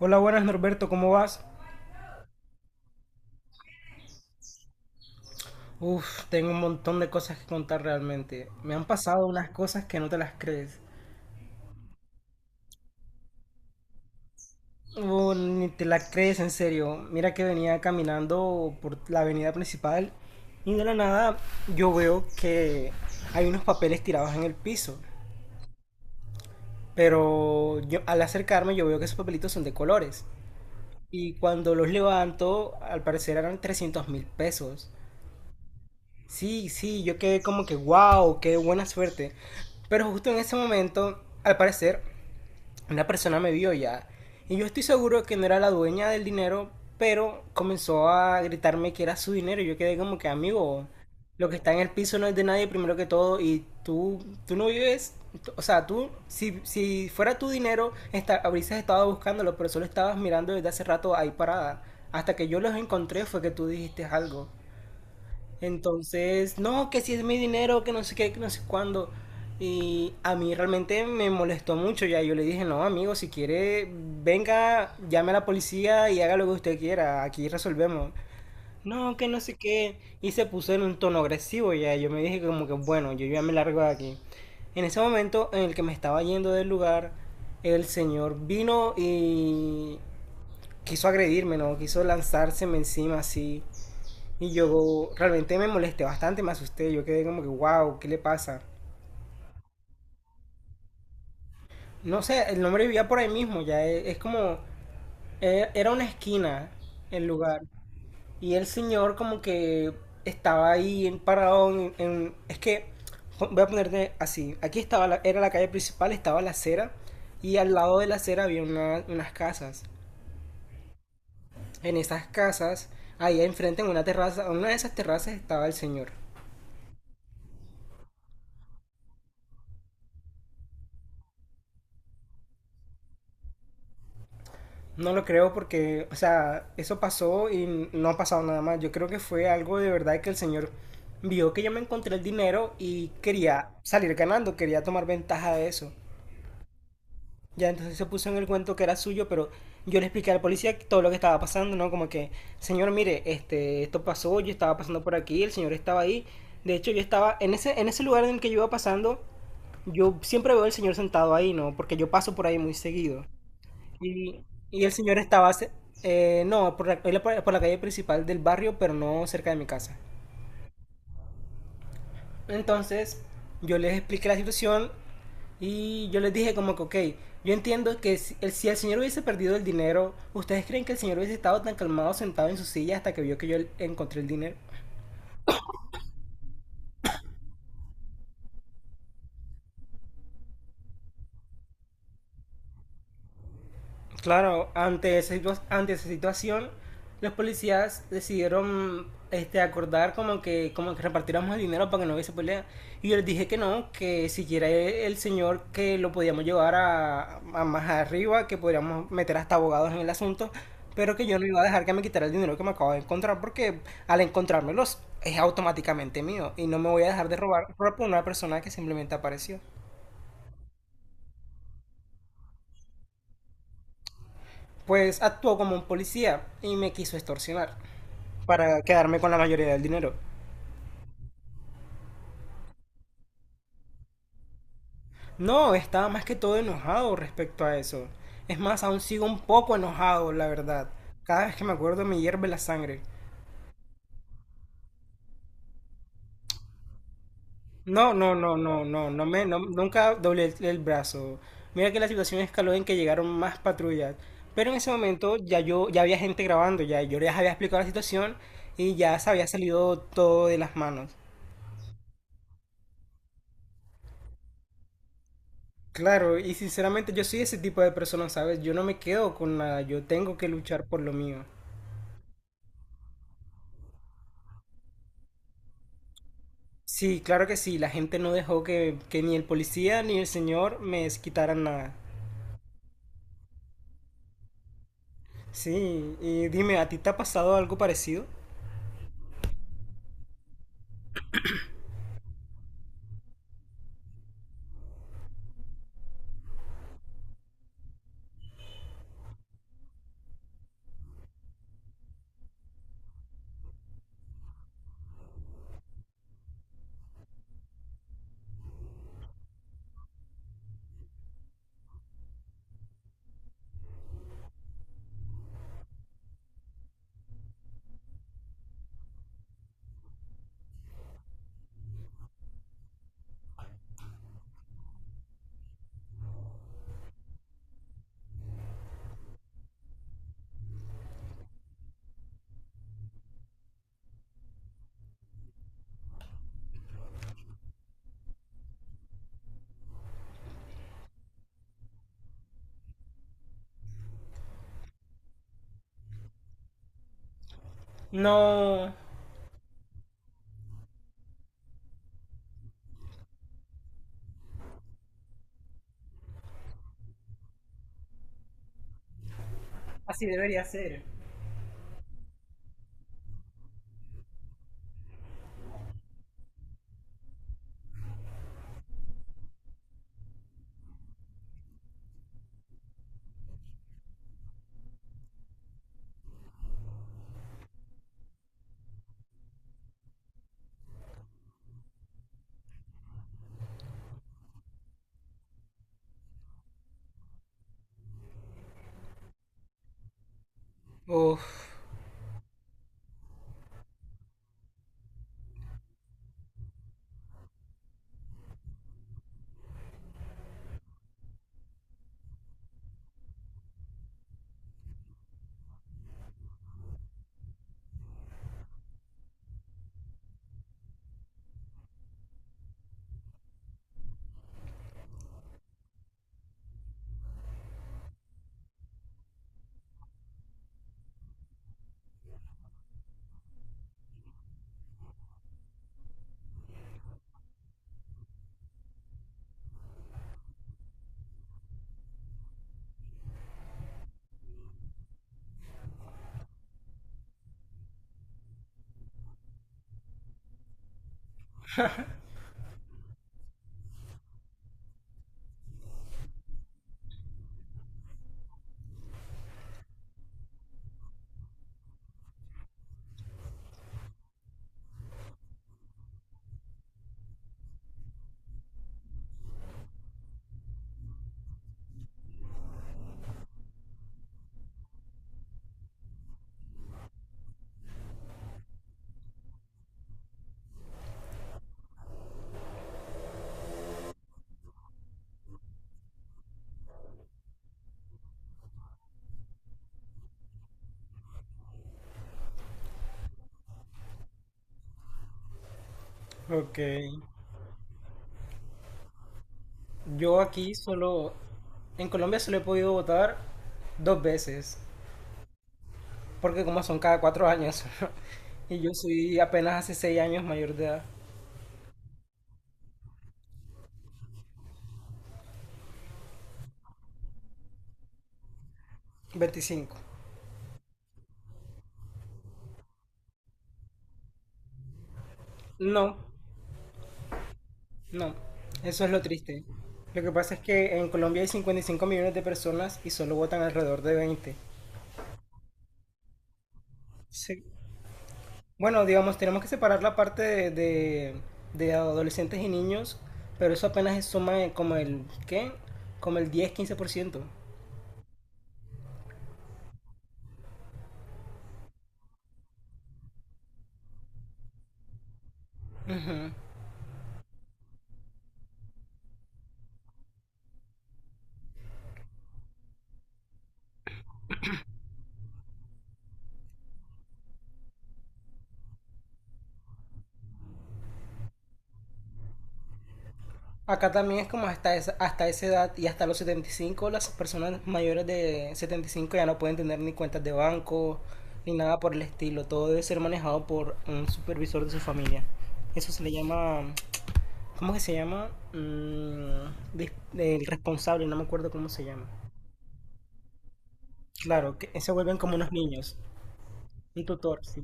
Hola, buenas Norberto, ¿cómo vas? Uf, tengo un montón de cosas que contar realmente. Me han pasado unas cosas que no te las crees. Oh, ni te las crees, en serio. Mira que venía caminando por la avenida principal y de la nada yo veo que hay unos papeles tirados en el piso. Pero yo, al acercarme yo veo que esos papelitos son de colores. Y cuando los levanto, al parecer eran 300.000 pesos. Sí, sí, yo quedé como que, wow, qué buena suerte. Pero justo en ese momento, al parecer, una persona me vio ya. Y yo estoy seguro que no era la dueña del dinero, pero comenzó a gritarme que era su dinero. Y yo quedé como que, amigo, lo que está en el piso no es de nadie primero que todo. Y tú no vives, o sea, tú, si fuera tu dinero, habrías estado buscándolo, pero solo estabas mirando desde hace rato ahí parada. Hasta que yo los encontré fue que tú dijiste algo. Entonces, no, que si es mi dinero, que no sé qué, que no sé cuándo. Y a mí realmente me molestó mucho ya. Yo le dije, no, amigo, si quiere, venga, llame a la policía y haga lo que usted quiera. Aquí resolvemos. No, que no sé qué. Y se puso en un tono agresivo ya. Yo me dije como que, bueno, yo ya me largo de aquí. En ese momento en el que me estaba yendo del lugar, el señor vino y quiso agredirme, ¿no? Quiso lanzárseme encima así. Y yo realmente me molesté bastante, me asusté, yo quedé como que, wow, ¿qué le pasa? No sé, el nombre vivía por ahí mismo, era una esquina el lugar. Y el señor como que estaba ahí en- parado en- es que, jo- voy a ponerte así, aquí estaba, era la calle principal, estaba la acera, y al lado de la acera había unas casas. En esas casas, ahí enfrente en una terraza, en una de esas terrazas estaba el señor. No lo creo porque, o sea, eso pasó y no ha pasado nada más. Yo creo que fue algo de verdad que el señor vio que yo me encontré el dinero y quería salir ganando, quería tomar ventaja de eso. Ya entonces se puso en el cuento que era suyo, pero yo le expliqué al policía todo lo que estaba pasando, ¿no? Como que, señor, mire, este, esto pasó, yo estaba pasando por aquí, el señor estaba ahí. De hecho, yo estaba en ese lugar en el que yo iba pasando, yo siempre veo al señor sentado ahí, ¿no? Porque yo paso por ahí muy seguido. Y, y el señor estaba, ce- no, por la, él por la calle principal del barrio, pero no cerca de mi casa. Entonces, yo les expliqué la situación y yo les dije como que, ok, yo entiendo que si el señor hubiese perdido el dinero, ¿ustedes creen que el señor hubiese estado tan calmado sentado en su silla hasta que vio que yo encontré el dinero? Claro, ante ante esa situación, los policías decidieron este, acordar como que repartiéramos el dinero para que no hubiese pelea. Y yo les dije que no, que siquiera e- el señor que lo podíamos llevar a más arriba, que podríamos meter hasta abogados en el asunto, pero que yo no iba a dejar que me quitara el dinero que me acabo de encontrar, porque al encontrármelos es automáticamente mío y no me voy a dejar de robar por una persona que simplemente apareció. Pues actuó como un policía y me quiso extorsionar para quedarme con la mayoría del dinero. No, estaba más que todo enojado respecto a eso. Es más, aún sigo un poco enojado, la verdad. Cada vez que me acuerdo me hierve la sangre. No, no, no, no, no, nunca doblé el brazo. Mira que la situación escaló en que llegaron más patrullas. Pero en ese momento ya yo, ya había gente grabando, ya yo les había explicado la situación y ya se había salido todo de las manos. Claro, y sinceramente yo soy ese tipo de persona, ¿sabes? Yo no me quedo con nada, yo tengo que luchar por lo mío. Sí, claro que sí, la gente no dejó que ni el policía ni el señor me quitaran nada. Sí, y dime, ¿a ti te ha pasado algo parecido? No, así debería ser. Uf, ok. Yo aquí solo, en Colombia solo he podido votar dos veces, porque como son cada 4 años, y yo soy apenas hace 6 años mayor de edad, 25. No. No, eso es lo triste. Lo que pasa es que en Colombia hay 55 millones de personas y solo votan alrededor de 20. Sí. Bueno, digamos, tenemos que separar la parte de adolescentes y niños, pero eso apenas es suma de como el, ¿qué? Como el 10-15%. Acá también es como hasta esa edad y hasta los 75, las personas mayores de 75 ya no pueden tener ni cuentas de banco ni nada por el estilo. Todo debe ser manejado por un supervisor de su familia. Eso se le llama, ¿cómo que se llama? Mm, el responsable, no me acuerdo cómo se llama. Claro, que se vuelven como unos niños. Un tutor, sí.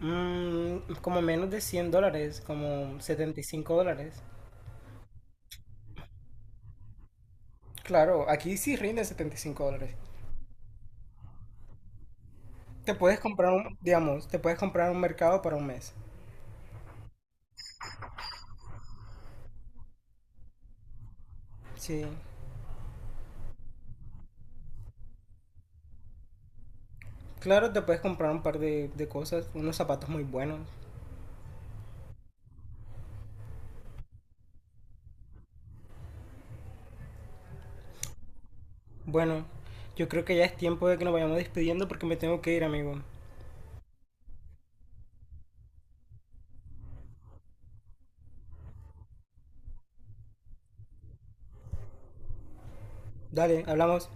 Mm, como menos de 100 dólares, como 75 dólares. Claro, aquí sí rinden 75 dólares. Te puedes comprar un, digamos, te puedes comprar un mercado para un mes. Sí. Claro, te puedes comprar un par de cosas, unos zapatos muy buenos. Bueno, yo creo que ya es tiempo de que nos vayamos despidiendo porque me tengo que ir, amigo. Dale, hablamos.